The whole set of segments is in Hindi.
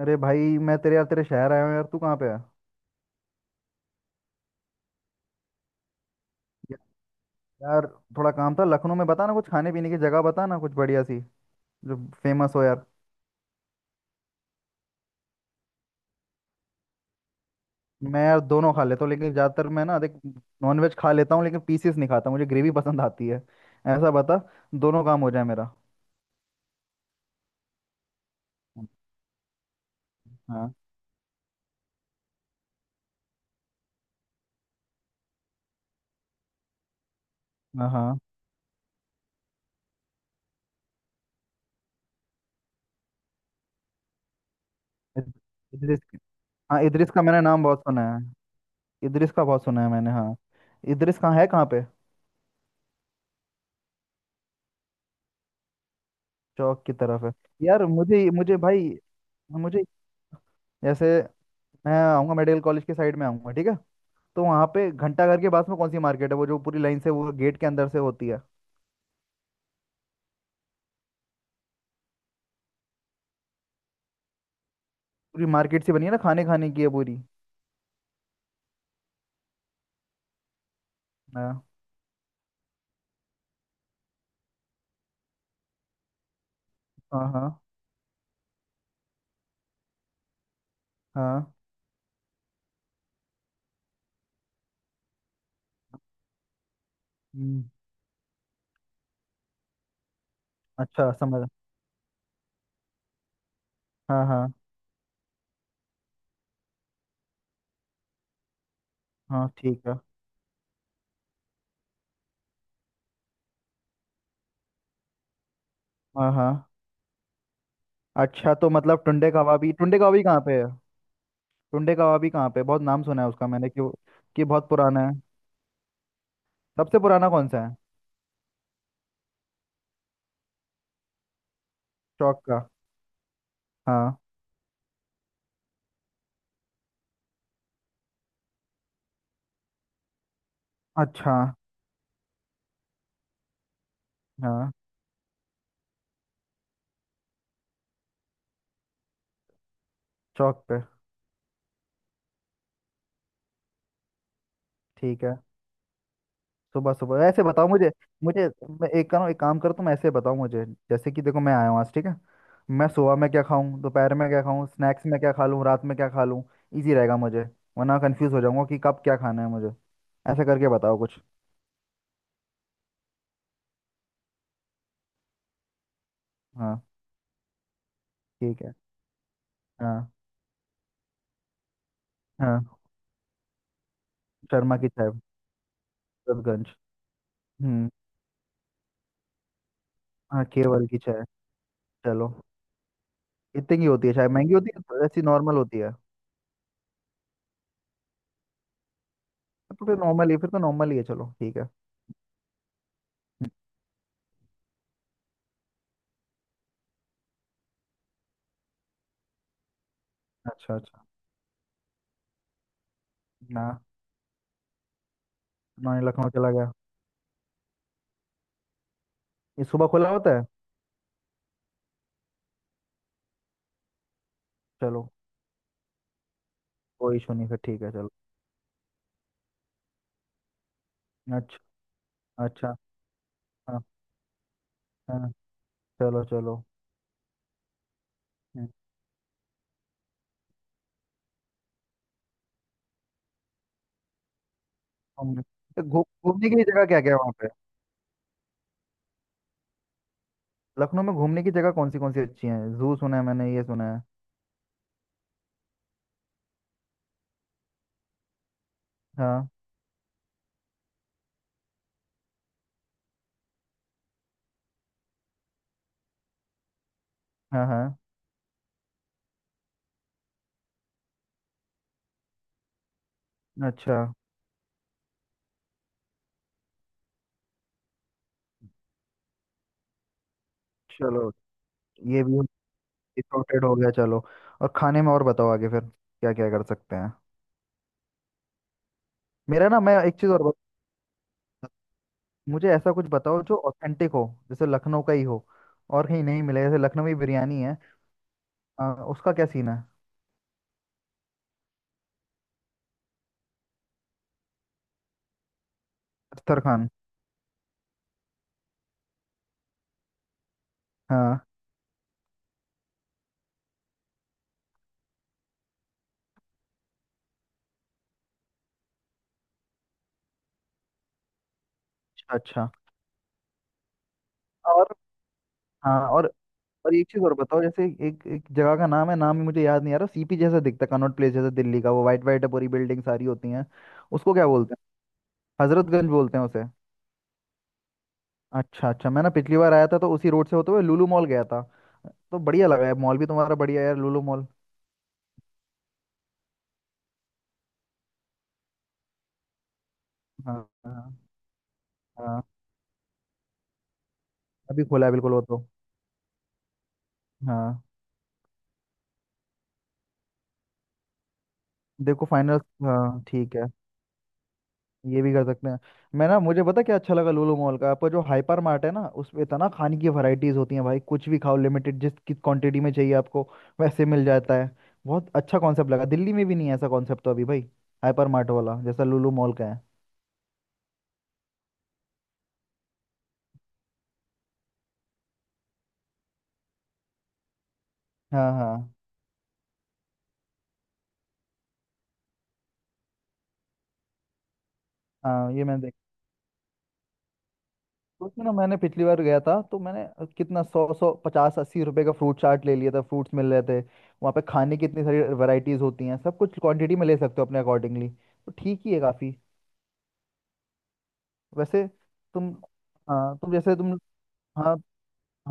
अरे भाई। मैं तेरे यार, तेरे शहर आया हूँ यार। तू कहाँ पे है? या- यार, थोड़ा काम था लखनऊ में। बता ना कुछ खाने पीने की जगह, बता ना कुछ बढ़िया सी जो फेमस हो यार। मैं यार दोनों खा लेता हूँ, लेकिन ज़्यादातर मैं ना देख, नॉनवेज खा लेता हूँ लेकिन पीसेस नहीं खाता, मुझे ग्रेवी पसंद आती है। ऐसा बता दोनों काम हो जाए मेरा। हाँ, हाँ। हाँ, इद- इदरिस। हाँ, इदरिस का मैंने नाम बहुत सुना है। इदरिस का बहुत सुना है मैंने, हाँ। इदरिस कहाँ है, कहाँ पे? चौक की तरफ है। यार मुझे मुझे भाई, मुझे जैसे, मैं आऊँगा मेडिकल कॉलेज के साइड में आऊँगा, ठीक है? तो वहां पे घंटाघर के पास में कौन सी मार्केट है वो, जो पूरी लाइन से वो गेट के अंदर से होती है, पूरी मार्केट सी बनी है ना, खाने खाने की है पूरी। हाँ, हाँ। हाँ, हाँ। हम्म, अच्छा समझ। हाँ, हाँ। हाँ, ठीक है। हाँ, हाँ। अच्छा, तो मतलब टुंडे कबाबी, टुंडे कबाबी कहाँ पे है? टुंडे कबाबी कहाँ पे है? बहुत नाम सुना है उसका मैंने कि कि बहुत पुराना है। सबसे पुराना कौन सा है? चौक का। हाँ। अच्छा। हाँ, चौक पे। ठीक है। सुबह सुबह ऐसे बताओ मुझे। मुझे, मैं एक करो, एक काम करो तुम, ऐसे बताओ मुझे। जैसे कि देखो मैं आया हूँ आज, ठीक है? मैं सुबह में क्या खाऊं, दोपहर में क्या खाऊं, स्नैक्स में क्या खा लूं, रात में क्या खा लूं। इजी रहेगा मुझे, वरना कंफ्यूज हो जाऊंगा कि कब क्या खाना है मुझे। ऐसा करके बताओ कुछ। हाँ, ठीक है। हाँ, हाँ। शर्मा की चाय। हजरतगंज। हम्म। हाँ, केवल की चाय। चलो। इतनी की होती है चाय? महंगी होती है तो? ऐसी नॉर्मल होती है? तो फिर नॉर्मल ही, फिर तो नॉर्मल ही है, चलो ठीक है। हम्म, अच्छा, अच्छा। ना, ना, ये लखनऊ चला गया। ये सुबह खुला होता है? चलो, कोई इशू नहीं फिर, ठीक है चलो। अच्छा, अच्छा। हाँ, हाँ। चलो, चलो। हम्म, घूमने तो घूमने की जगह क्या क्या है वहाँ पे? लखनऊ में घूमने की जगह कौन सी अच्छी है? जू सुना है मैंने, ये सुना है। हाँ, हाँ। हाँ। अच्छा। चलो, ये भी सॉर्टेड हो गया, चलो। और खाने में और बताओ आगे फिर क्या क्या कर सकते हैं। मेरा ना मैं एक चीज़ और बत, मुझे ऐसा कुछ बताओ जो ऑथेंटिक हो, जैसे लखनऊ का ही हो और कहीं नहीं मिले, जैसे लखनवी बिरयानी है। उसका क्या सीन है? अख्तर खान। हाँ। अच्छा, अच्छा। हाँ। और एक चीज और बताओ। जैसे एक एक जगह का नाम है, नाम ही मुझे याद नहीं आ रहा, सीपी जैसा दिखता है, कनॉट प्लेस जैसा दिल्ली का, वो वाइट वाइट है, पूरी बिल्डिंग सारी होती हैं। उसको क्या बोलते हैं? हजरतगंज बोलते हैं उसे? अच्छा, अच्छा। मैं ना पिछली बार आया था तो उसी रोड से होते हुए लुलु मॉल गया था। तो बढ़िया लगा है मॉल भी तुम्हारा, बढ़िया है यार लुलु मॉल। हाँ, हाँ। हाँ। अभी खोला है बिल्कुल वो तो। हाँ। देखो फाइनल। हाँ, ठीक है। ये भी कर सकते हैं। मैं ना, मुझे पता क्या अच्छा लगा? लूलू मॉल का आपका जो हाइपर मार्ट है ना, उसमें इतना खाने की वैरायटीज होती हैं भाई, कुछ भी खाओ लिमिटेड, जिस किस क्वांटिटी में चाहिए आपको वैसे मिल जाता है। बहुत अच्छा कॉन्सेप्ट लगा, दिल्ली में भी नहीं है ऐसा कॉन्सेप्ट तो अभी भाई, हाइपर मार्ट वाला जैसा लूलू मॉल का है। हाँ, हाँ। हाँ ये मैंने देखा। तो उसमें ना, मैंने पिछली बार गया था तो मैंने कितना, सौ सौ 50 80 रुपए का फ्रूट चाट ले लिया था, फ्रूट्स मिल रहे थे। वहाँ पे खाने की इतनी सारी वैरायटीज होती हैं, सब कुछ क्वांटिटी में ले सकते हो अपने अकॉर्डिंगली, तो ठीक ही है काफ़ी। वैसे तुम, हाँ तुम, जैसे तुम। हाँ,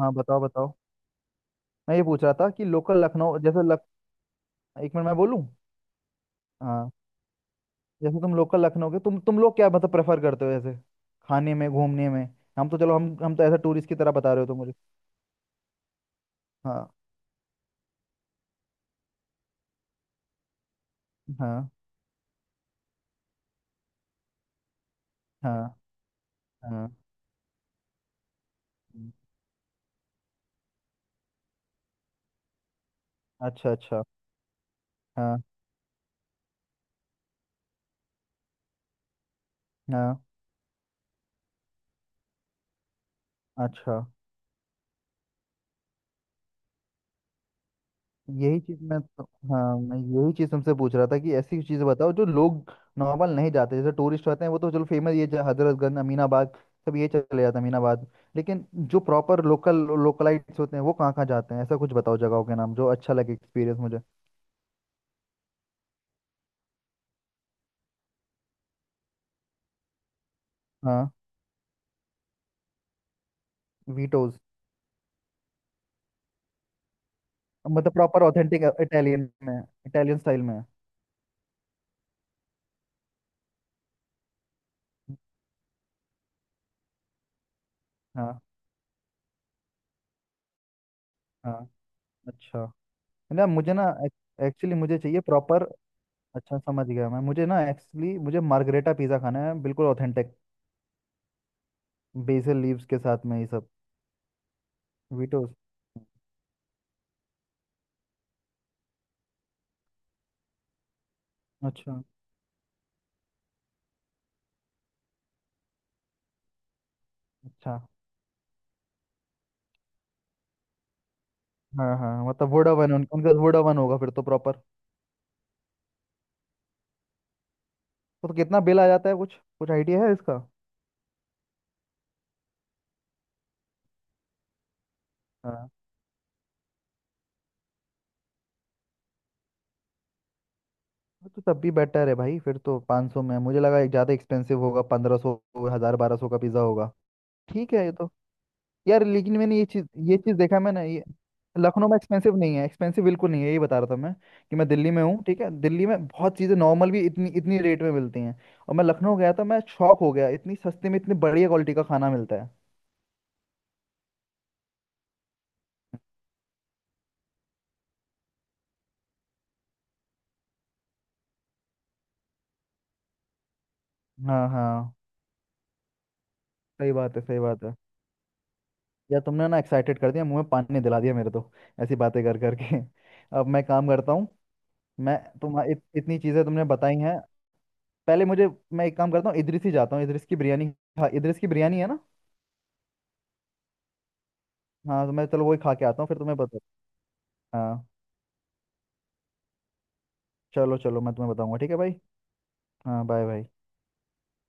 हाँ बताओ, बताओ। मैं ये पूछ रहा था कि लोकल लखनऊ जैसे लख एक मिनट मैं बोलूँ। हाँ। जैसे तुम लोकल लखनऊ के, तुम लोग क्या मतलब प्रेफर करते हो? जैसे खाने में, घूमने में। हम तो, चलो हम तो ऐसा टूरिस्ट की तरह बता रहे हो तुम मुझे। हाँ, हाँ। हाँ, हाँ। हम्म, अच्छा, अच्छा। हाँ, हाँ। अच्छा। यही चीज मैं तो, हाँ, मैं यही चीज तुमसे पूछ रहा था कि ऐसी चीजें बताओ जो लोग नॉर्मल नहीं जाते। जैसे टूरिस्ट आते हैं वो तो, चलो फेमस ये हजरतगंज, अमीनाबाद, सब ये चले जाते हैं अमीनाबाद। लेकिन जो प्रॉपर लोकल, लोकलाइट्स होते हैं वो कहाँ कहाँ जाते हैं, ऐसा कुछ बताओ जगहों के नाम जो अच्छा लगे एक्सपीरियंस मुझे। हाँ। वीटोज मतलब प्रॉपर ऑथेंटिक इटालियन में? इटालियन स्टाइल में। हाँ, हाँ। अच्छा। ना, मुझे ना, एक्चुअली मुझे चाहिए प्रॉपर। अच्छा, समझ गया मैं। मुझे ना एक्चुअली मुझे मार्गरेटा पिज़्ज़ा खाना है बिल्कुल ऑथेंटिक, बेसल लीव्स के साथ में, ये सब। वीटोज। अच्छा। अच्छा। हाँ, हाँ, मतलब वोडावन, उनका वोडावन होगा फिर तो प्रॉपर। तो कितना बिल आ जाता है, कुछ कुछ आइडिया है इसका? हाँ। वो तो तब भी बेटर है भाई, फिर तो 500 में। मुझे लगा एक ज़्यादा एक्सपेंसिव होगा, 1500, हज़ार 1200 का पिज़्ज़ा होगा। ठीक है, ये तो। यार लेकिन मैंने ये चीज, ये चीज देखा मैंने ये। लखनऊ में एक्सपेंसिव नहीं है, एक्सपेंसिव बिल्कुल नहीं है, यही बता रहा था मैं। कि मैं दिल्ली में हूँ, ठीक है? दिल्ली में बहुत चीज़ें नॉर्मल भी इतनी इतनी रेट में मिलती हैं, और मैं लखनऊ गया था, मैं शॉक हो गया, इतनी सस्ते में इतनी बढ़िया क्वालिटी का खाना मिलता है। हाँ, हाँ। सही बात है, सही बात है। यार तुमने ना एक्साइटेड कर दिया, मुंह में पानी दिला दिया मेरे तो, ऐसी बातें कर करके। अब मैं काम करता हूँ। मैं इतनी चीज़ें तुमने बताई हैं पहले मुझे। मैं एक काम करता हूँ, इदरिस ही जाता हूँ, इदरिस की बिरयानी खा, इदरिस की बिरयानी है ना? हाँ तो मैं, चलो वही खा के आता हूँ फिर तुम्हें बता। हाँ, चलो, चलो, मैं तुम्हें बताऊंगा, ठीक है भाई। हाँ, बाय भाई।